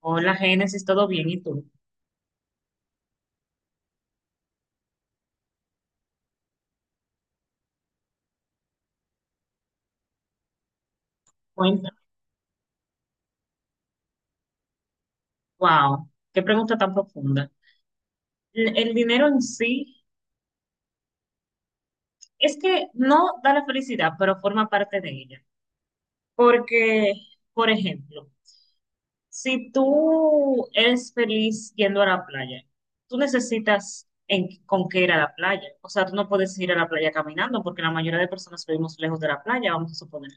Hola, Génesis, ¿todo bien? ¿Y tú? Cuéntame. Wow, qué pregunta tan profunda. El dinero en sí es que no da la felicidad, pero forma parte de ella. Porque, por ejemplo, si tú eres feliz yendo a la playa, tú necesitas con qué ir a la playa. O sea, tú no puedes ir a la playa caminando porque la mayoría de personas vivimos lejos de la playa, vamos a suponer.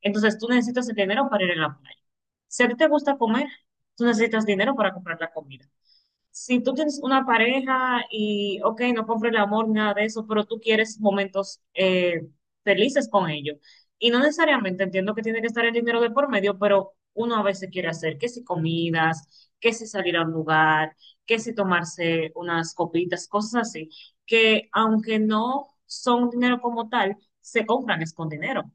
Entonces, tú necesitas el dinero para ir a la playa. Si a ti te gusta comer, tú necesitas dinero para comprar la comida. Si tú tienes una pareja y, ok, no compres el amor, nada de eso, pero tú quieres momentos felices con ellos y no necesariamente entiendo que tiene que estar el dinero de por medio, pero uno a veces quiere hacer que si comidas, que si salir a un lugar, que si tomarse unas copitas, cosas así, que aunque no son dinero como tal, se compran es con dinero.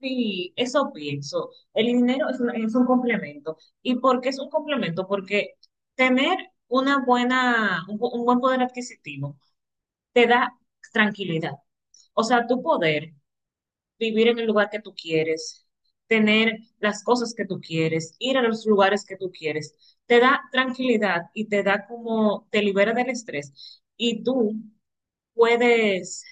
Sí, eso pienso. El dinero es es un complemento. ¿Y por qué es un complemento? Porque tener una buena, un bu- un buen poder adquisitivo te da tranquilidad. O sea, tu poder vivir en el lugar que tú quieres, tener las cosas que tú quieres, ir a los lugares que tú quieres. Te da tranquilidad y te da como, te libera del estrés. Y tú puedes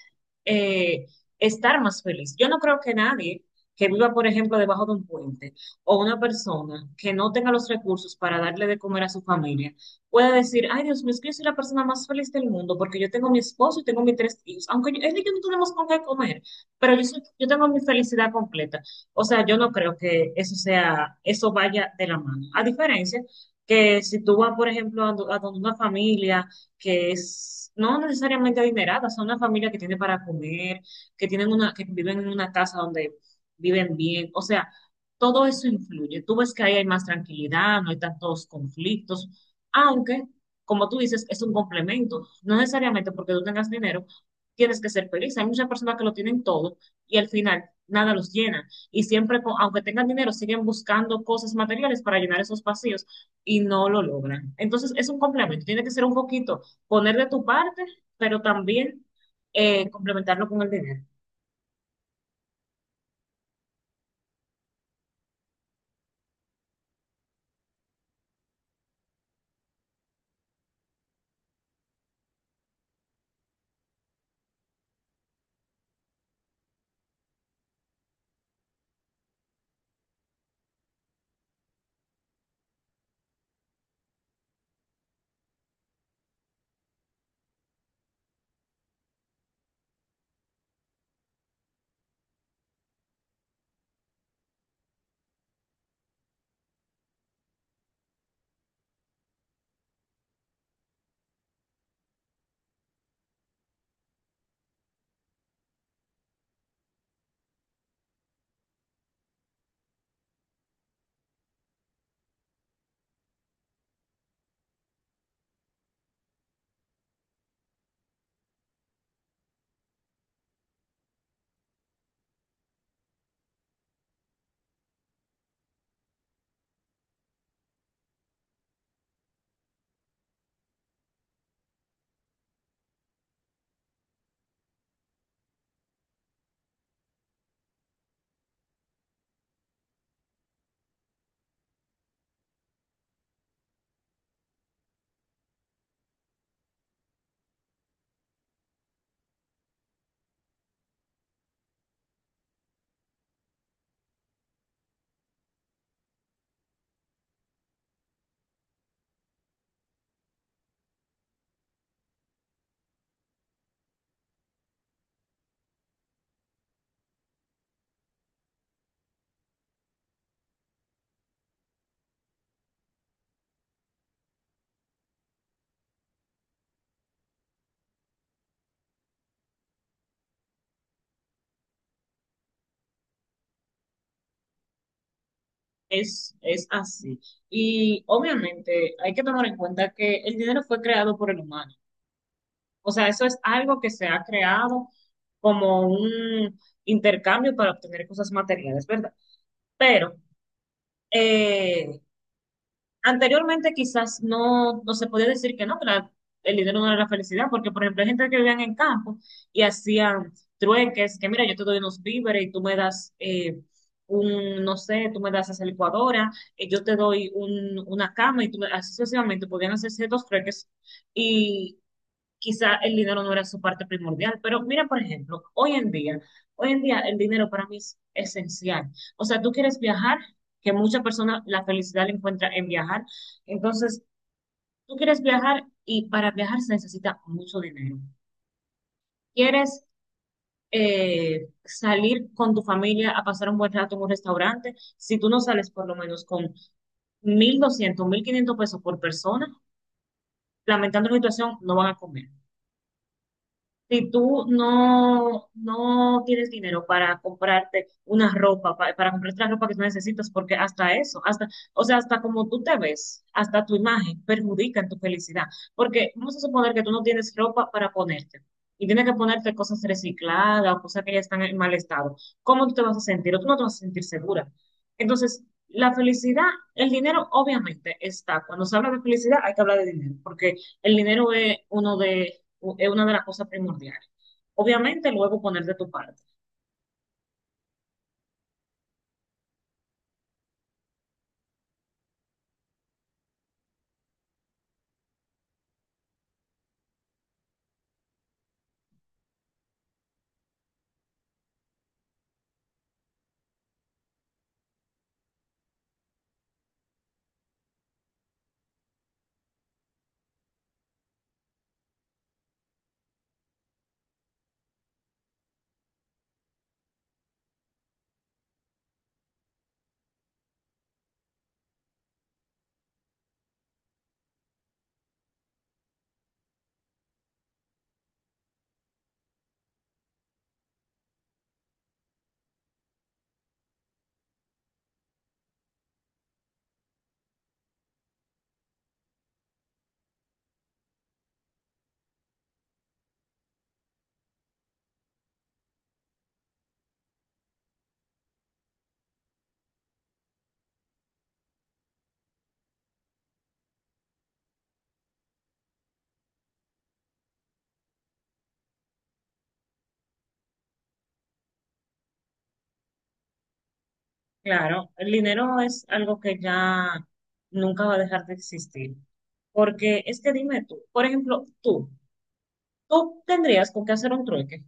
eh, estar más feliz. Yo no creo que nadie que viva, por ejemplo, debajo de un puente o una persona que no tenga los recursos para darle de comer a su familia pueda decir, ay Dios mío, es que yo soy la persona más feliz del mundo porque yo tengo mi esposo y tengo mis tres hijos, aunque yo, él y yo no tenemos con qué comer, pero yo tengo mi felicidad completa. O sea, yo no creo que eso sea, eso vaya de la mano. A diferencia que si tú vas, por ejemplo, a donde una familia, que es no necesariamente adineradas, son una familia que tiene para comer, que tienen que viven en una casa donde viven bien, o sea, todo eso influye. Tú ves que ahí hay más tranquilidad, no hay tantos conflictos, aunque, como tú dices, es un complemento. No necesariamente porque tú tengas dinero, tienes que ser feliz. Hay muchas personas que lo tienen todo y al final nada los llena. Y siempre, aunque tengan dinero, siguen buscando cosas materiales para llenar esos vacíos y no lo logran. Entonces, es un complemento. Tiene que ser un poquito poner de tu parte, pero también complementarlo con el dinero. Es así. Y obviamente hay que tomar en cuenta que el dinero fue creado por el humano. O sea, eso es algo que se ha creado como un intercambio para obtener cosas materiales, ¿verdad? Pero eh, anteriormente quizás no se podía decir que no, que la- el dinero no era la felicidad, porque por ejemplo hay gente que vivían en campo y hacían trueques, que mira, yo te doy unos víveres y tú me das un, no sé, tú me das esa licuadora, yo te doy una cama y tú me, así sucesivamente podían hacer ciertos trueques, quizá el dinero no era su parte primordial, pero mira, por ejemplo, hoy en día el dinero para mí es esencial. O sea, tú quieres viajar, que muchas personas la felicidad la encuentra en viajar. Entonces, tú quieres viajar y para viajar se necesita mucho dinero. Quieres salir con tu familia a pasar un buen rato en un restaurante, si tú no sales por lo menos con 1.200, 1.500 pesos por persona, lamentando la situación, no van a comer. Si tú no tienes dinero para comprarte una ropa, comprarte la ropa que tú necesitas, porque hasta eso, hasta, o sea, hasta como tú te ves, hasta tu imagen perjudica en tu felicidad. Porque vamos a suponer que tú no tienes ropa para ponerte y tienes que ponerte cosas recicladas o cosas que ya están en mal estado. ¿Cómo tú te vas a sentir? O tú no te vas a sentir segura. Entonces, la felicidad, el dinero obviamente está. Cuando se habla de felicidad, hay que hablar de dinero, porque el dinero es uno de es una de las cosas primordiales. Obviamente, luego poner de tu parte. Claro, el dinero es algo que ya nunca va a dejar de existir. Porque es que dime tú, por ejemplo, tú tendrías con qué hacer un trueque.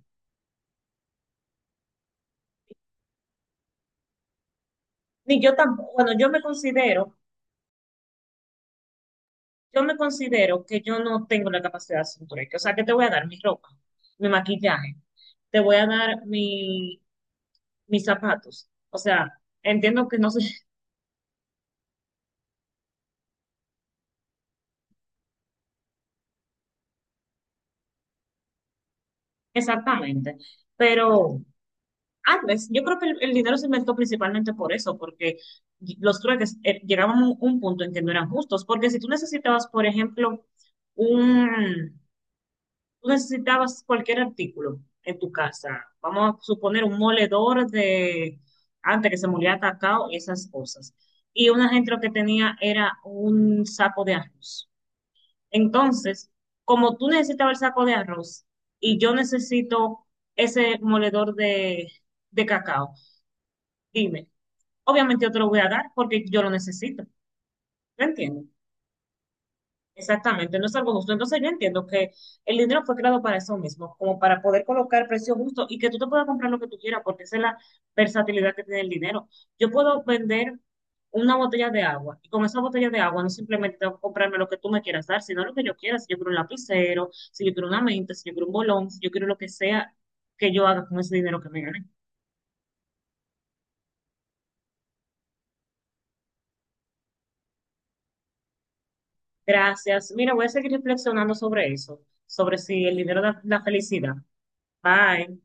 Ni yo tampoco, bueno, yo me considero que yo no tengo la capacidad de hacer un trueque. O sea, que te voy a dar mi ropa, mi maquillaje, te voy a dar mis zapatos. O sea, entiendo que no sé exactamente, pero antes, yo creo que el dinero se inventó principalmente por eso, porque los trueques llegaban a un punto en que no eran justos, porque si tú necesitabas, por ejemplo, un, tú necesitabas cualquier artículo en tu casa, vamos a suponer un moledor de, antes que se molía cacao y esas cosas, y una gente lo que tenía era un saco de arroz. Entonces, como tú necesitabas el saco de arroz y yo necesito ese moledor de cacao, dime, obviamente yo te lo voy a dar porque yo lo necesito. ¿Lo entiendes? Exactamente, no es algo justo. Entonces yo entiendo que el dinero fue creado para eso mismo, como para poder colocar precios justos y que tú te puedas comprar lo que tú quieras, porque esa es la versatilidad que tiene el dinero. Yo puedo vender una botella de agua y con esa botella de agua no simplemente tengo que comprarme lo que tú me quieras dar, sino lo que yo quiera, si yo quiero un lapicero, si yo quiero una menta, si yo quiero un bolón, si yo quiero lo que sea que yo haga con ese dinero que me gane. Gracias. Mira, voy a seguir reflexionando sobre eso, sobre si el dinero da la felicidad. Bye.